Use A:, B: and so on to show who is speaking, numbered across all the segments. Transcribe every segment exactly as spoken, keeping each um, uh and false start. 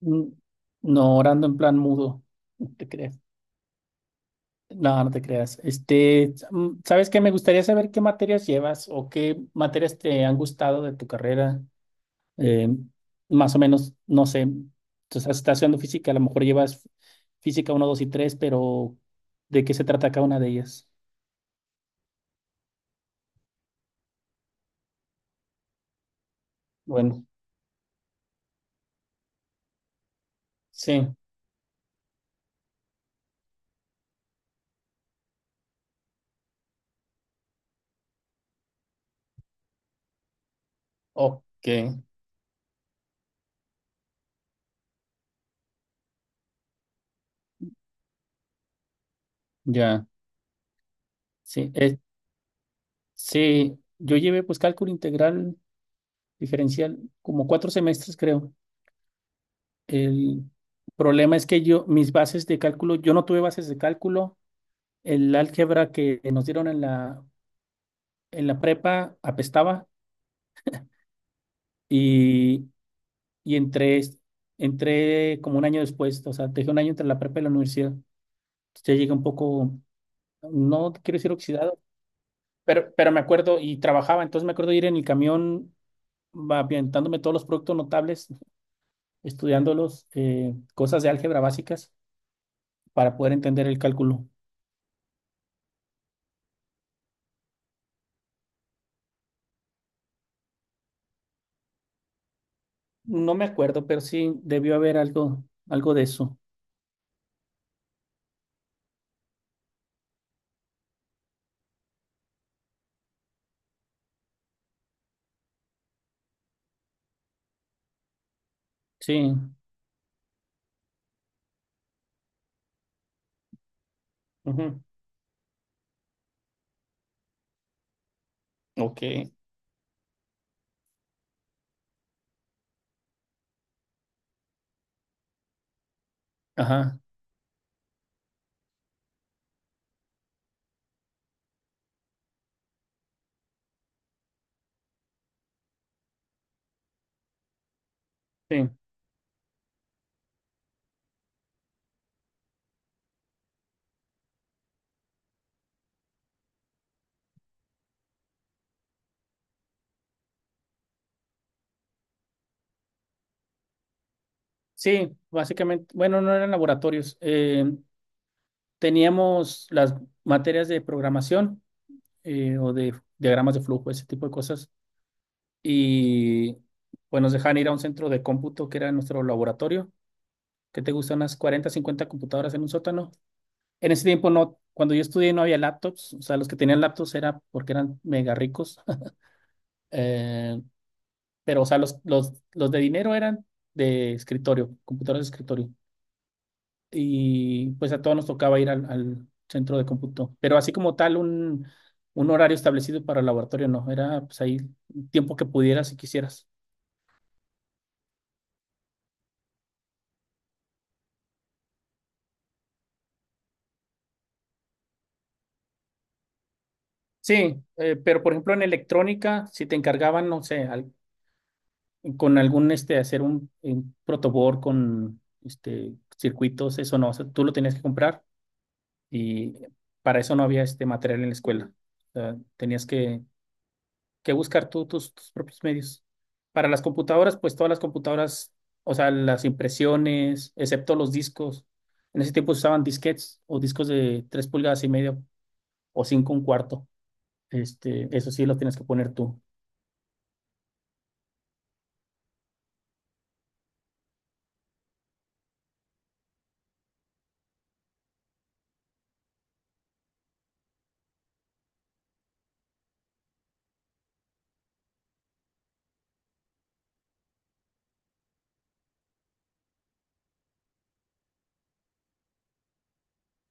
A: Mm. No, orando en plan mudo, no te creas. No, no te creas. Este, mm, ¿sabes qué? Me gustaría saber qué materias llevas o qué materias te han gustado de tu carrera. Eh, Más o menos, no sé. Entonces, estás haciendo física, a lo mejor llevas física uno, dos y tres, pero ¿de qué se trata cada una de ellas? Bueno, sí, ok, ya. Sí, eh, sí, yo llevé pues cálculo integral diferencial como cuatro semestres, creo. El problema es que yo, mis bases de cálculo, yo no tuve bases de cálculo. El álgebra que nos dieron en la, en la prepa apestaba y, y entré, entré como un año después, o sea, dejé un año entre la prepa y la universidad. Ya llegué un poco, no quiero decir oxidado, pero, pero me acuerdo y trabajaba, entonces me acuerdo ir en el camión va aventándome todos los productos notables, estudiándolos, eh, cosas de álgebra básicas para poder entender el cálculo. No me acuerdo, pero sí debió haber algo, algo de eso. Sí. Ujú. Ok. Ajá. Sí. Sí, básicamente, bueno, no eran laboratorios. Eh, teníamos las materias de programación eh, o de diagramas de flujo, ese tipo de cosas. Y pues nos dejaban ir a un centro de cómputo que era nuestro laboratorio, que te gustan unas cuarenta, cincuenta computadoras en un sótano. En ese tiempo no, cuando yo estudié no había laptops, o sea, los que tenían laptops era porque eran mega ricos. Eh, pero o sea, los, los, los de dinero eran de escritorio, computadores de escritorio. Y pues a todos nos tocaba ir al, al centro de cómputo, pero así como tal, un, un horario establecido para el laboratorio, no, era pues ahí el tiempo que pudieras y quisieras. Sí, eh, pero por ejemplo en electrónica, si te encargaban, no sé, al- con algún, este, hacer un, un protoboard con, este, circuitos, eso no, o sea, tú lo tenías que comprar y para eso no había, este, material en la escuela. O sea, tenías que que buscar tú tus, tus propios medios. Para las computadoras, pues todas las computadoras, o sea, las impresiones, excepto los discos. En ese tiempo se usaban disquetes o discos de tres pulgadas y medio o cinco un cuarto. Este, eso sí lo tienes que poner tú.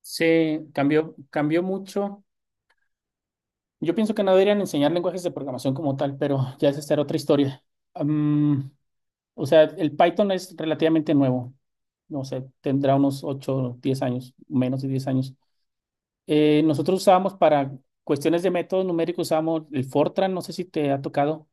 A: Se cambió, cambió mucho. Yo pienso que no deberían enseñar lenguajes de programación como tal, pero ya esa será otra historia. Am, o sea, el Python es relativamente nuevo. No sé, tendrá unos ocho diez años, menos de diez años. Eh, nosotros usamos para cuestiones de métodos numéricos, usamos el Fortran, no sé si te ha tocado.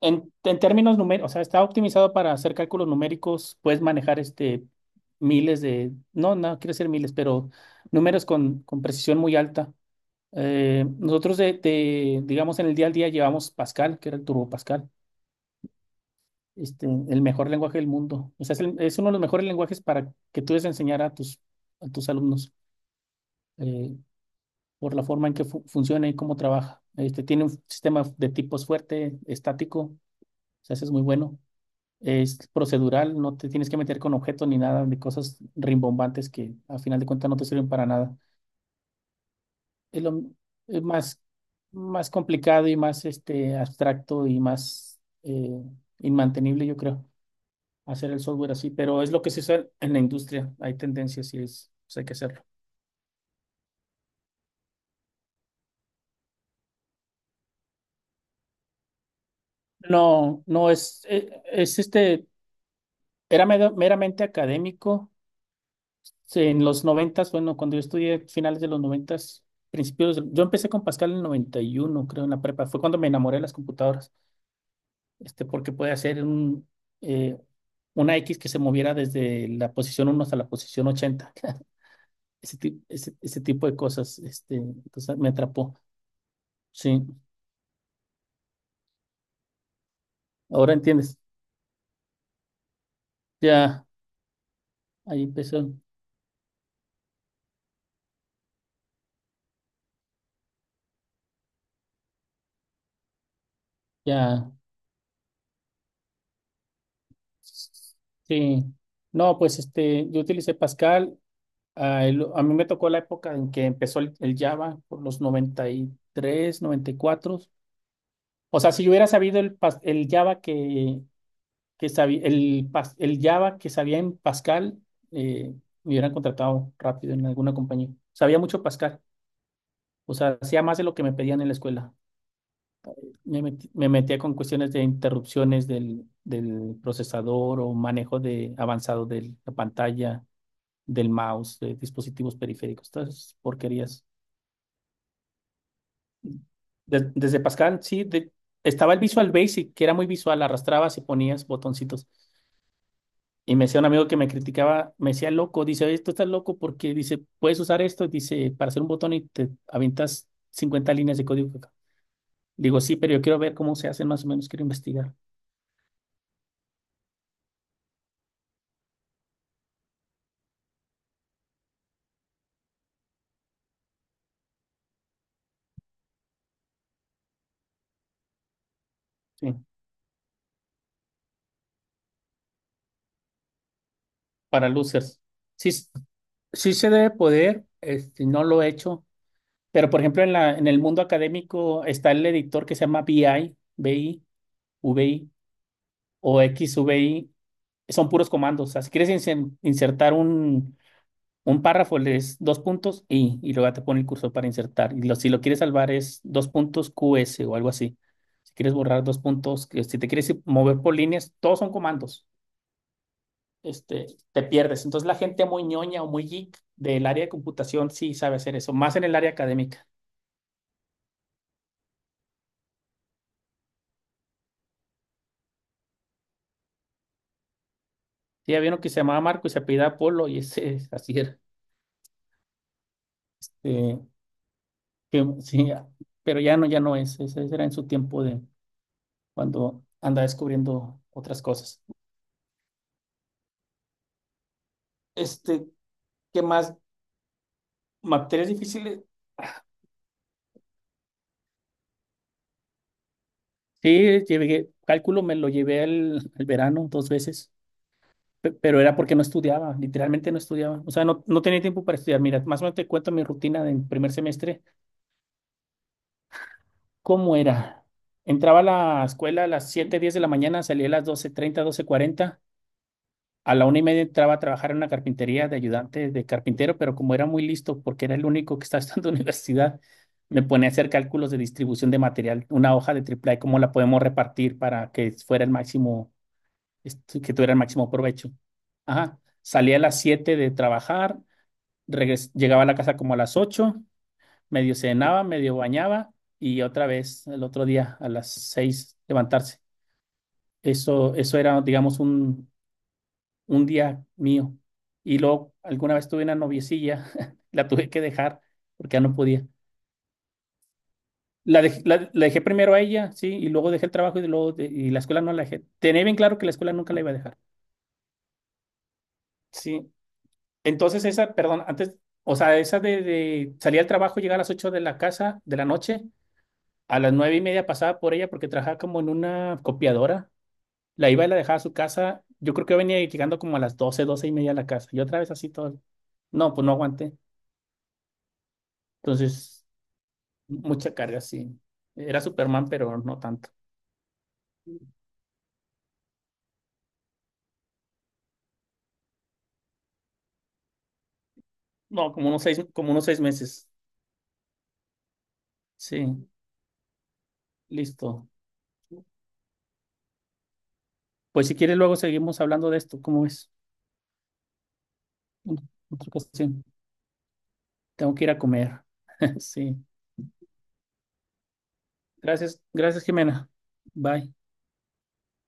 A: En, en términos numéricos, o sea, está optimizado para hacer cálculos numéricos, puedes manejar este miles de, no, no quiero decir miles, pero números con, con precisión muy alta. Eh, nosotros de, de, digamos, en el día al día llevamos Pascal, que era el Turbo Pascal, este, el mejor lenguaje del mundo. O sea, es, el- es uno de los mejores lenguajes para que tú des a enseñar a tus, a tus alumnos. Eh, por la forma en que fu- funciona y cómo trabaja. Este, tiene un sistema de tipos fuerte, estático, o sea, ese es muy bueno. Es procedural, no te tienes que meter con objetos ni nada de cosas rimbombantes que a final de cuentas no te sirven para nada. Es lo es más, más complicado y más este, abstracto y más eh, inmantenible, yo creo, hacer el software así, pero es lo que se usa en la industria. Hay tendencias y es, pues hay que hacerlo. No, no es, e- es este, era mera- meramente académico. Sí, en los noventas, bueno, cuando yo estudié finales de los noventas, principios, del- yo empecé con Pascal en el noventa y uno creo, en la prepa. Fue cuando me enamoré de las computadoras, este, porque puede hacer un, eh, una X que se moviera desde la posición uno hasta la posición ochenta. Ese, ti- ese, ese tipo de cosas, este, entonces me atrapó. Sí, ahora entiendes. Ya, ahí empezó. Ya. Sí. No, pues este, yo utilicé Pascal. Ah, el- a mí me tocó la época en que empezó el, el Java, por los noventa noventa y tres noventa y cuatro. O sea, si yo hubiera sabido el, pas- el Java que, que sabía, el, pas- el Java que sabía en Pascal, eh, me hubieran contratado rápido en alguna compañía. Sabía mucho Pascal. O sea, hacía más de lo que me pedían en la escuela. Me, metí- me metía con cuestiones de interrupciones del, del procesador o manejo de avanzado de la pantalla, del mouse, de dispositivos periféricos, todas esas porquerías. Des- desde Pascal, sí, de- estaba el Visual Basic, que era muy visual, arrastrabas y ponías botoncitos. Y me decía un amigo que me criticaba, me decía loco, dice, oye, tú estás loco porque dice, puedes usar esto, dice, para hacer un botón y te aventas cincuenta líneas de código acá. Digo, sí, pero yo quiero ver cómo se hace más o menos, quiero investigar. Sí, para losers. Sí, s- sí se debe poder, este, no lo he hecho, pero por ejemplo en la, en el mundo académico está el editor que se llama BI, BI, VI o XVI son puros comandos. O sea, si quieres inse- insertar un, un párrafo, le des dos puntos y, y luego te pone el cursor para insertar. Y lo- si lo quieres salvar es dos puntos Q S o algo así. Si quieres borrar dos puntos, que si te quieres ir- mover por líneas, todos son comandos. Este, te pierdes. Entonces la gente muy ñoña o muy geek del área de computación sí sabe hacer eso, más en el área académica. Sí, había uno que se llamaba Marco y se apellidaba Polo y ese así era. Eh, que- sí, pero ya no, ya no es. Ese era en su tiempo de cuando anda descubriendo otras cosas. Este, ¿qué más? ¿Materias difíciles? Sí, llevé, cálculo me lo llevé al, al verano dos veces, pe- pero era porque no estudiaba, literalmente no estudiaba. O sea, no, no tenía tiempo para estudiar. Mira, más o menos te cuento mi rutina del primer semestre. ¿Cómo era? Entraba a la escuela a las siete diez de la mañana, salía a las doce treinta doce cuarenta. A la una y media entraba a trabajar en una carpintería de ayudante de carpintero, pero como era muy listo, porque era el único que estaba estudiando en la universidad, me ponía a hacer cálculos de distribución de material, una hoja de triple A, cómo la podemos repartir para que fuera el máximo, este, que tuviera el máximo provecho. Ajá. Salía a las siete de trabajar, regres- llegaba a la casa como a las ocho, medio cenaba, medio bañaba y otra vez el otro día a las seis levantarse. Eso, eso era, digamos, un, un día mío. Y luego alguna vez tuve una noviecilla, la tuve que dejar porque ya no podía. La, dej- la- la dejé primero a ella, sí, y luego dejé el trabajo y luego de- y la escuela no la dejé. Tenía bien claro que la escuela nunca la iba a dejar. Sí. Entonces esa, perdón, antes, o sea, esa de, de salir al trabajo, llegar a las ocho de la casa de la noche, a las nueve y media pasaba por ella porque trabajaba como en una copiadora. La iba y la dejaba a su casa. Yo creo que venía llegando como a las doce doce y media a la casa. Y otra vez así todo. No, pues no aguanté. Entonces. Mucha carga, sí. Era Superman, pero no tanto. No, como unos seis, como unos seis meses. Sí, listo. Pues si quieres, luego seguimos hablando de esto. ¿Cómo es? Otra ocasión. Tengo que ir a comer. Sí. Gracias, gracias, Jimena. Bye.